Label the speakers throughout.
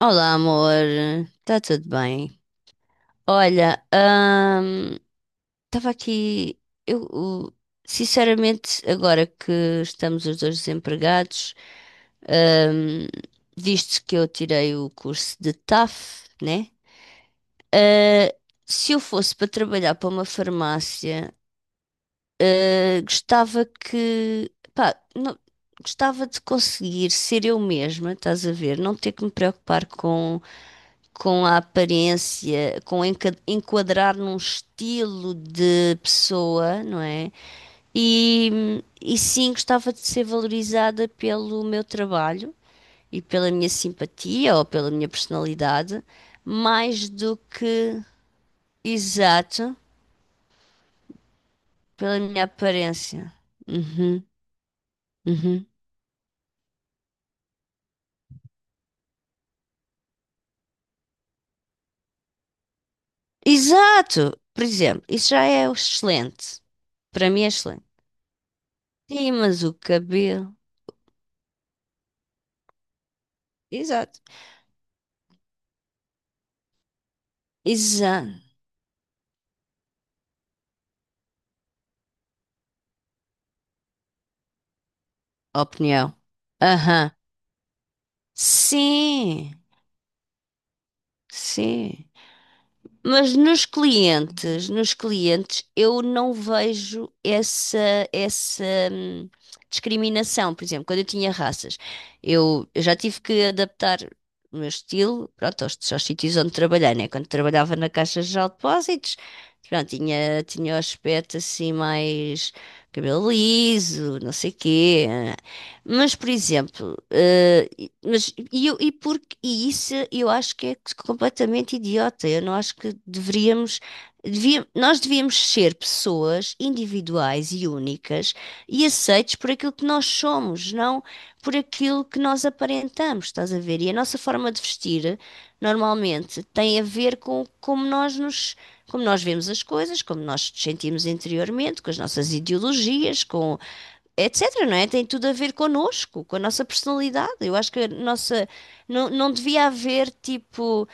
Speaker 1: Olá, amor. Está tudo bem? Olha, estava aqui. Eu, o- Sinceramente, agora que estamos os dois desempregados, ahm, visto que eu tirei o curso de TAF, né? Ah, se eu fosse para trabalhar para uma farmácia, gostava que, pá, gostava de conseguir ser eu mesma, estás a ver? Não ter que me preocupar com a aparência, com enquadrar num estilo de pessoa, não é? E sim, gostava de ser valorizada pelo meu trabalho e pela minha simpatia ou pela minha personalidade, mais do que, exato, pela minha aparência. Uhum, uhum. Exato! Por exemplo, isso já é excelente. Para mim é excelente. Sim, mas o cabelo. Exato. Exato. Opinião. Aham. Sim, sim. Mas nos clientes, eu não vejo essa, essa hum, discriminação. Por exemplo, quando eu tinha raças, eu já tive que adaptar o meu estilo, pronto, aos sítios onde trabalhei, né? Quando trabalhava na Caixa Geral de Depósitos, pronto, tinha o aspecto assim mais cabelo liso, não sei quê. Mas, por exemplo, eh, Mas e, eu- e, porque, e isso eu acho que é completamente idiota. Eu não acho que deveríamos. Nós devíamos ser pessoas individuais e únicas e aceites por aquilo que nós somos, não por aquilo que nós aparentamos, estás a ver? E a nossa forma de vestir normalmente tem a ver com como nós vemos as coisas, como nós nos sentimos interiormente, com as nossas ideologias, com etc, não é? Tem tudo a ver connosco, com a nossa personalidade. Eu acho que a nossa. Não, não devia haver tipo.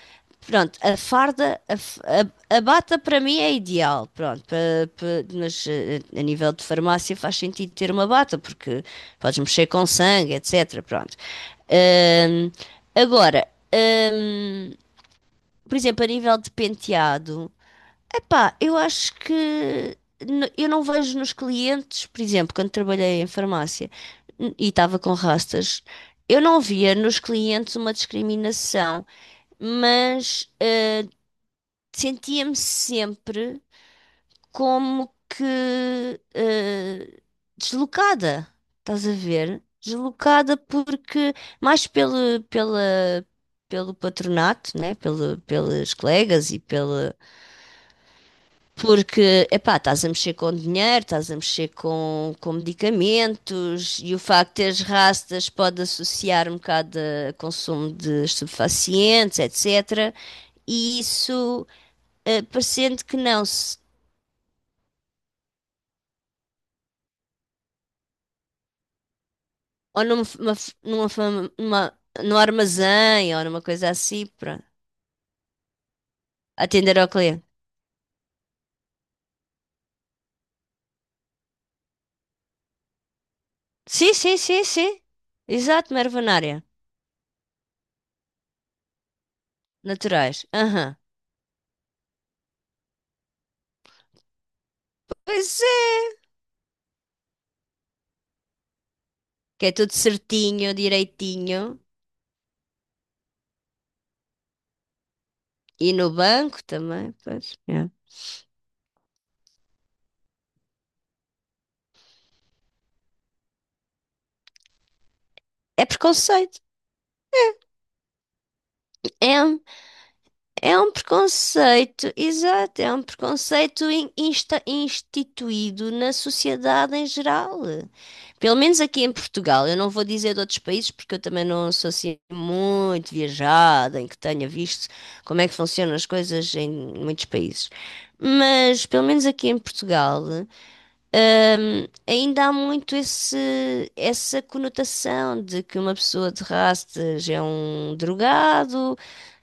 Speaker 1: Pronto, a farda, a bata para mim é ideal, pronto, pa- mas a nível de farmácia faz sentido ter uma bata, porque podes mexer com sangue, etc, pronto. Ahm, Agora, ahm, por exemplo, a nível de penteado, epá, eu acho que eu não vejo nos clientes, por exemplo, quando trabalhei em farmácia e estava com rastas, eu não via nos clientes uma discriminação, mas sentia-me sempre como que eh, deslocada, estás a ver? Deslocada porque mais pelo patronato, né? Pelos colegas e pela. Porque, epá, estás a mexer com dinheiro, estás a mexer com medicamentos e o facto de teres rastas pode associar um bocado a consumo de estupefacientes, etc. E isso, parecendo que não, se, ou numa, f- uma f- numa, fam- numa, num armazém ou numa coisa assim, para atender ao cliente. Sim, sim, sim, sim. Exato, Mervenária. Naturais. Aham. Pois é. Que é tudo certinho, direitinho. E no banco também, pois. É. É preconceito. É um, É um preconceito, exato, é um preconceito instituído na sociedade em geral. Pelo menos aqui em Portugal. Eu não vou dizer de outros países, porque eu também não sou assim muito viajada, em que tenha visto como é que funcionam as coisas em muitos países. Mas pelo menos aqui em Portugal, ainda há muito essa conotação de que uma pessoa de rastas é um drogado,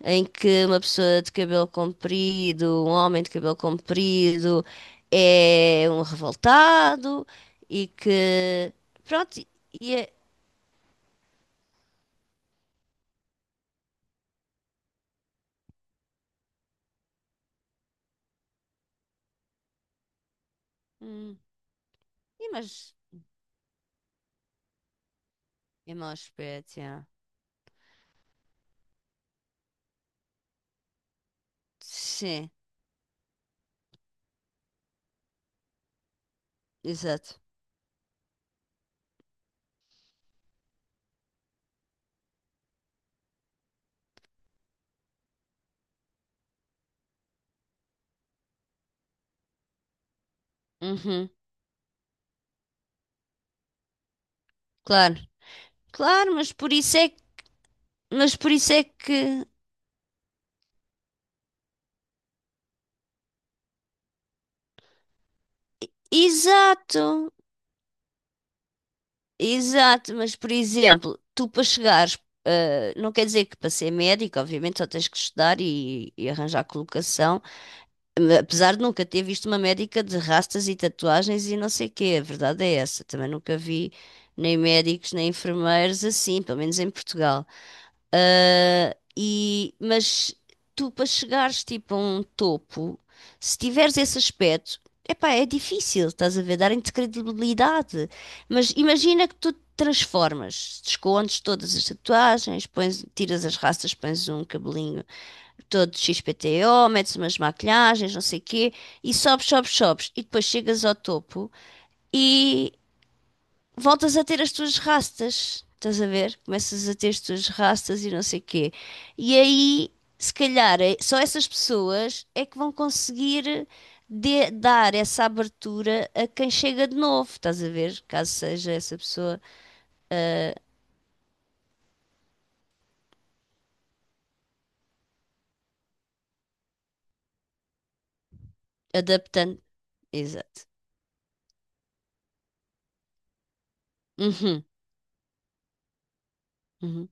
Speaker 1: em que uma pessoa de cabelo comprido, um homem de cabelo comprido, é um revoltado e que. Pronto, e é. Hum, e mas. É mau aspecto, yeah. Sim, exato. Uhum, claro, claro, mas por isso é que. Exato! Exato, mas por exemplo, tu para chegares, não quer dizer que para ser médico, obviamente só tens que estudar e arranjar colocação, apesar de nunca ter visto uma médica de rastas e tatuagens e não sei o quê, a verdade é essa, também nunca vi nem médicos nem enfermeiros assim, pelo menos em Portugal. Mas tu, para chegares tipo a um topo, se tiveres esse aspecto, epá, é difícil, estás a ver, darem-te credibilidade. Mas imagina que tu te transformas, descontes todas as tatuagens, pões, tiras as raças, pões um cabelinho todo XPTO, metes umas maquilhagens, não sei o quê, e sobes, sobes, sobes, e depois chegas ao topo voltas a ter as tuas rastas, estás a ver? Começas a ter as tuas rastas e não sei quê. E aí, se calhar, só essas pessoas é que vão conseguir dar essa abertura a quem chega de novo, estás a ver? Caso seja essa pessoa ah, adaptando. Exato. Uhum, uhum.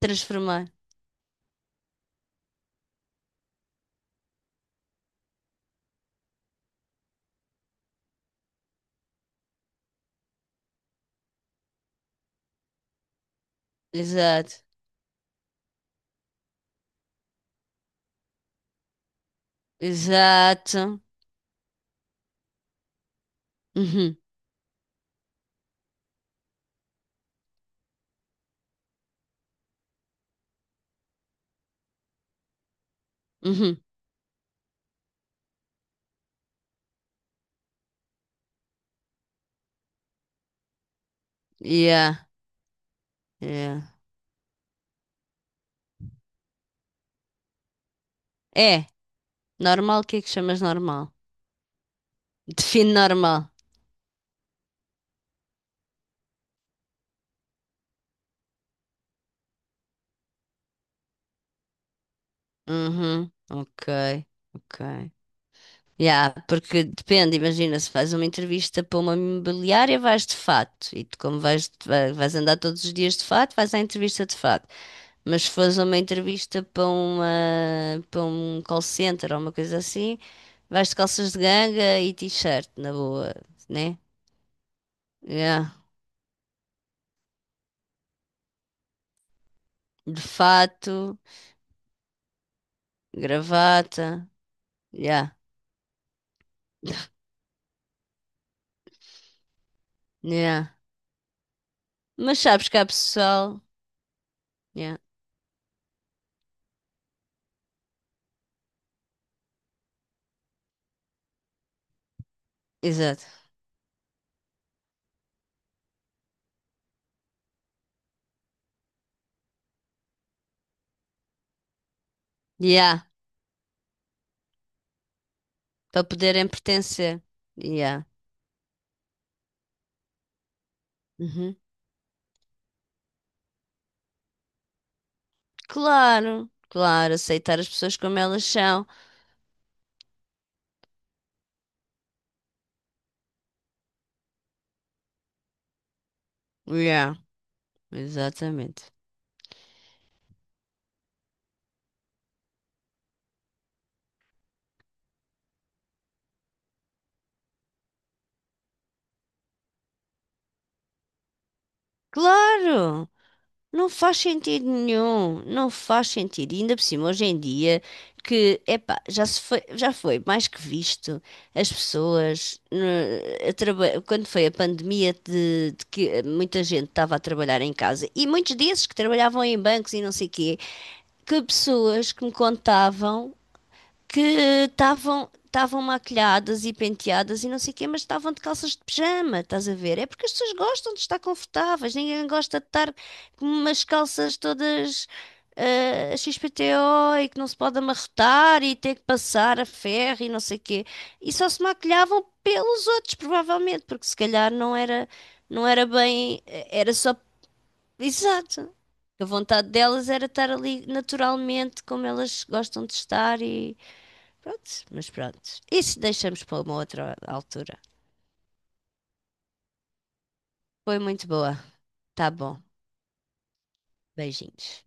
Speaker 1: Transformar. Exato. Exato. Uhum, uhum. Yeah, yeah. É, normal, o que é que chamas normal? Define normal. Uhum, ok, ok. Yeah, porque depende, imagina, se faz uma entrevista para uma imobiliária, vais de fato. E tu, como vais, vais andar todos os dias de fato, vais à entrevista de fato. Mas se fores uma entrevista para uma, para um call center ou uma coisa assim, vais de calças de ganga e t-shirt, na boa, né? Yeah. De fato, gravata, yeah, yeah. Mas sabes que há pessoal, yeah, exato. Yeah. Para poderem pertencer. Yeah. Uhum. Claro, claro, aceitar as pessoas como elas são. Yeah, exatamente. Claro, não faz sentido nenhum, não faz sentido. E ainda por cima, hoje em dia, que, epá, já se foi, já foi mais que visto as pessoas, quando foi a pandemia de que muita gente estava a trabalhar em casa, e muitos desses que trabalhavam em bancos e não sei o quê, que pessoas que me contavam que estavam maquilhadas e penteadas e não sei o quê, mas estavam de calças de pijama, estás a ver? É porque as pessoas gostam de estar confortáveis, ninguém gosta de estar com umas calças todas XPTO e que não se pode amarrotar e ter que passar a ferro e não sei o quê. E só se maquilhavam pelos outros, provavelmente, porque se calhar não era, não era bem, era só, exato. A vontade delas era estar ali naturalmente como elas gostam de estar e, prontos, mas prontos. Isso deixamos para uma outra altura. Foi muito boa. Tá bom. Beijinhos.